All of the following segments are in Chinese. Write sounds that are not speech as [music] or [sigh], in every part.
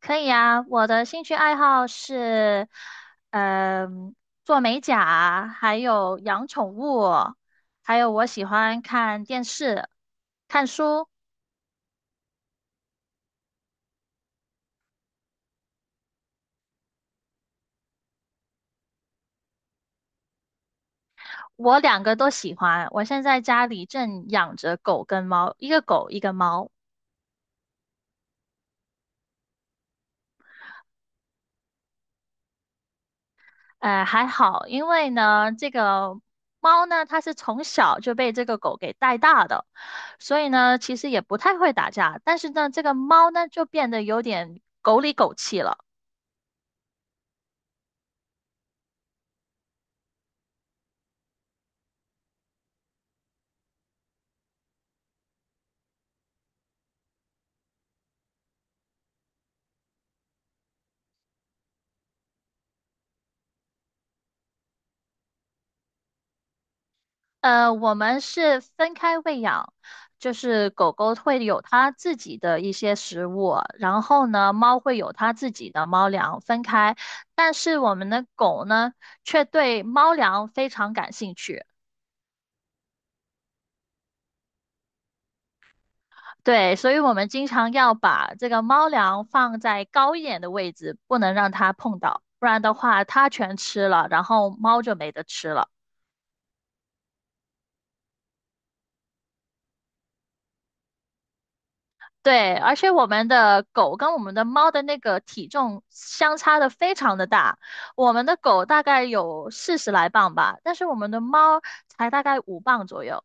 可以啊，我的兴趣爱好是，嗯、做美甲，还有养宠物，还有我喜欢看电视、看书，我两个都喜欢。我现在家里正养着狗跟猫，一个狗一个猫，还好，因为呢，这个猫呢，它是从小就被这个狗给带大的，所以呢，其实也不太会打架，但是呢，这个猫呢，就变得有点狗里狗气了。我们是分开喂养，就是狗狗会有它自己的一些食物，然后呢，猫会有它自己的猫粮，分开。但是我们的狗呢，却对猫粮非常感兴趣。对，所以我们经常要把这个猫粮放在高一点的位置，不能让它碰到，不然的话它全吃了，然后猫就没得吃了。对，而且我们的狗跟我们的猫的那个体重相差的非常的大，我们的狗大概有40来磅吧，但是我们的猫才大概5磅左右。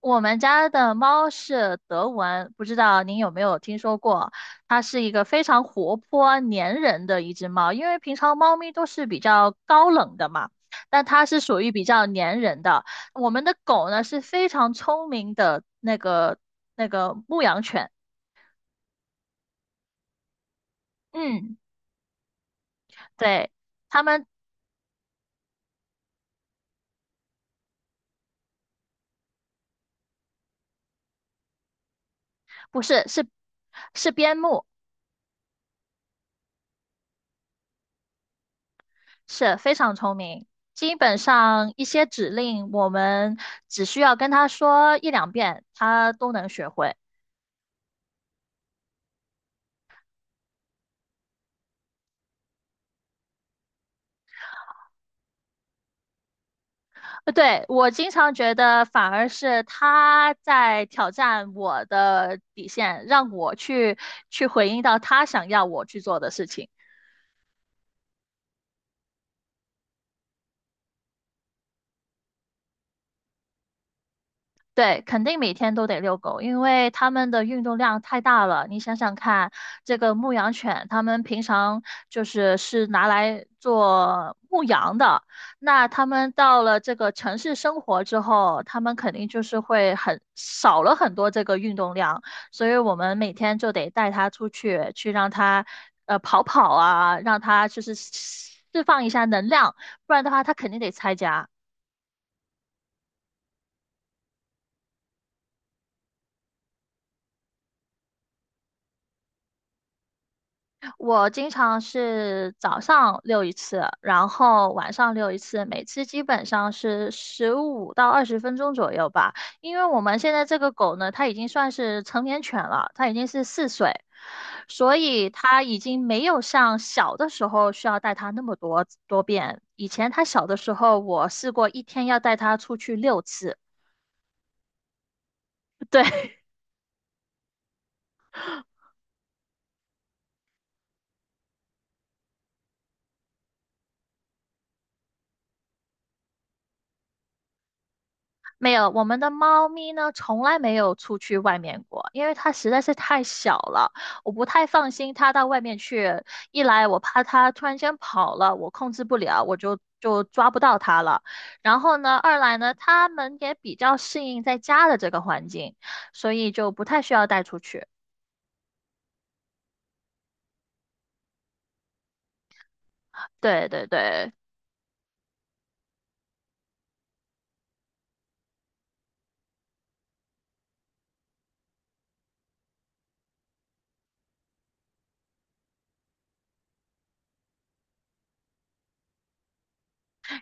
我们家的猫是德文，不知道您有没有听说过？它是一个非常活泼、粘人的一只猫，因为平常猫咪都是比较高冷的嘛，但它是属于比较粘人的。我们的狗呢是非常聪明的那个牧羊犬。嗯，对，他们不是，是边牧，是非常聪明。基本上一些指令，我们只需要跟他说一两遍，他都能学会。对，我经常觉得，反而是他在挑战我的底线，让我去回应到他想要我去做的事情。对，肯定每天都得遛狗，因为它们的运动量太大了。你想想看，这个牧羊犬，它们平常就是拿来做牧羊的，那它们到了这个城市生活之后，它们肯定就是会很少了很多这个运动量，所以我们每天就得带它出去，去让它跑跑啊，让它就是释放一下能量，不然的话，它肯定得拆家。我经常是早上遛一次，然后晚上遛一次，每次基本上是15到20分钟左右吧。因为我们现在这个狗呢，它已经算是成年犬了，它已经是4岁，所以它已经没有像小的时候需要带它那么多遍。以前它小的时候，我试过一天要带它出去6次，[laughs] 对。没有，我们的猫咪呢，从来没有出去外面过，因为它实在是太小了，我不太放心它到外面去。一来我怕它突然间跑了，我控制不了，我就抓不到它了。然后呢，二来呢，它们也比较适应在家的这个环境，所以就不太需要带出去。对对对，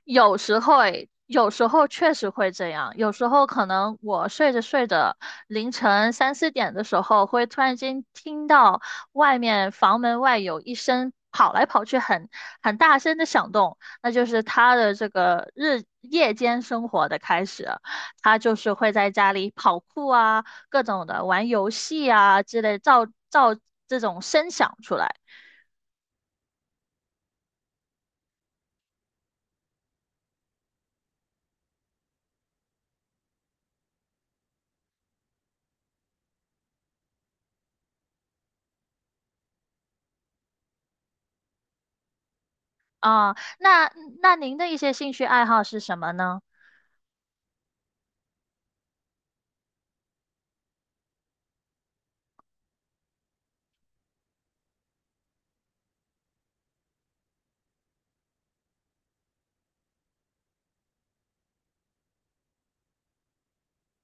有时候诶，有时候确实会这样。有时候可能我睡着睡着，凌晨3、4点的时候，会突然间听到外面房门外有一声跑来跑去很大声的响动，那就是他的这个日夜间生活的开始。他就是会在家里跑酷啊，各种的玩游戏啊之类，造这种声响出来啊。那您的一些兴趣爱好是什么呢？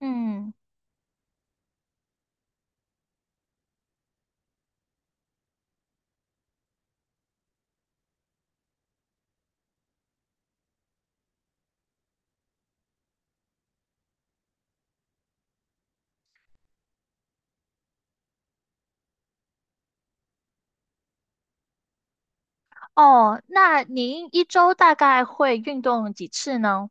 嗯。哦，那您一周大概会运动几次呢？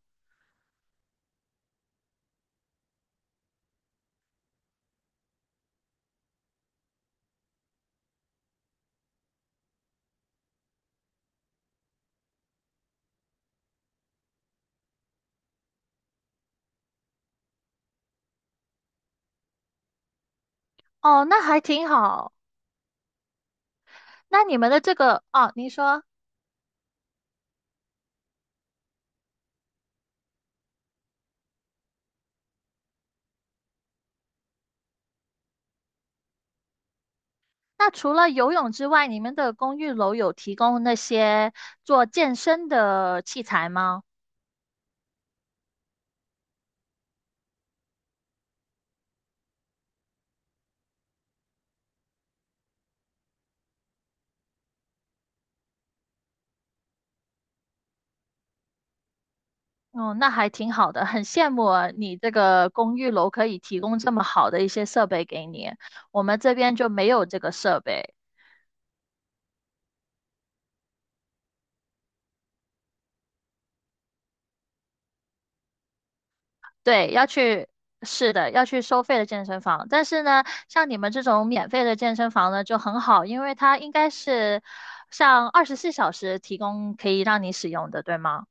哦，那还挺好。那你们的这个，哦，您说，那除了游泳之外，你们的公寓楼有提供那些做健身的器材吗？哦，那还挺好的，很羡慕啊你这个公寓楼可以提供这么好的一些设备给你，我们这边就没有这个设备。对，要去，是的，要去收费的健身房。但是呢，像你们这种免费的健身房呢，就很好，因为它应该是像24小时提供可以让你使用的，对吗？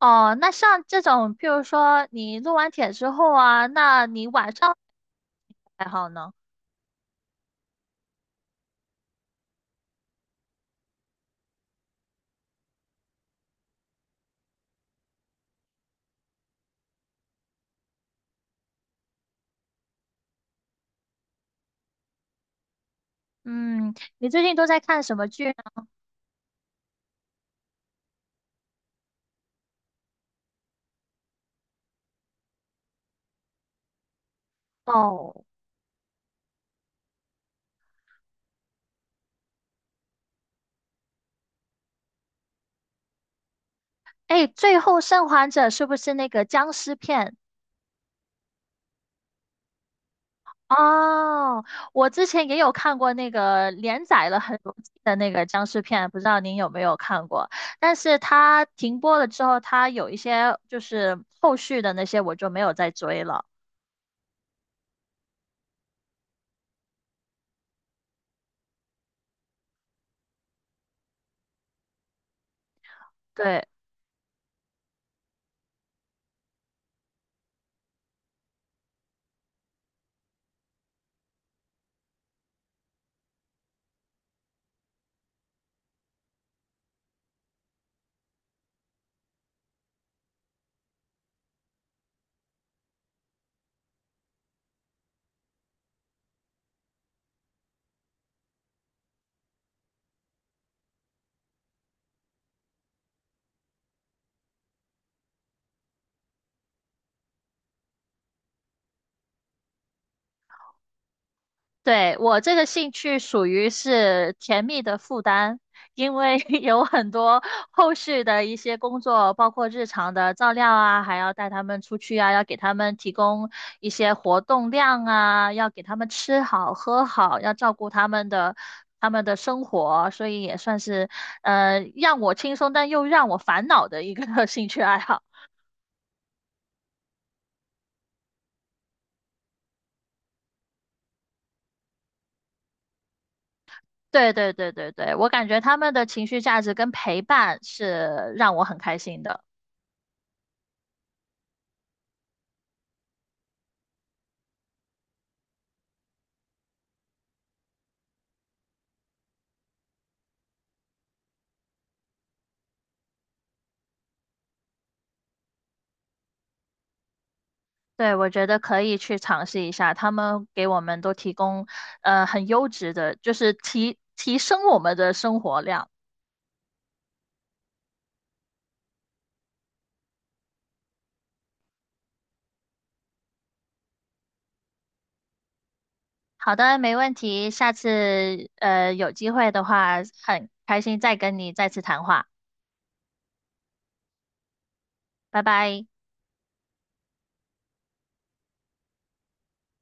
哦，那像这种，譬如说你录完帖之后啊，那你晚上还好呢？嗯，你最近都在看什么剧呢？哦，哎，《最后生还者》是不是那个僵尸片？哦，我之前也有看过那个连载了很多季的那个僵尸片，不知道您有没有看过？但是它停播了之后，它有一些就是后续的那些我就没有再追了。对，对，我这个兴趣属于是甜蜜的负担，因为 [laughs] 有很多后续的一些工作，包括日常的照料啊，还要带他们出去啊，要给他们提供一些活动量啊，要给他们吃好喝好，要照顾他们的生活，所以也算是让我轻松但又让我烦恼的一个 [laughs] 兴趣爱好。对对对对对，我感觉他们的情绪价值跟陪伴是让我很开心的。对，我觉得可以去尝试一下，他们给我们都提供很优质的，就是提升我们的生活量。好的，没问题，下次有机会的话，很开心再跟你再次谈话，拜拜。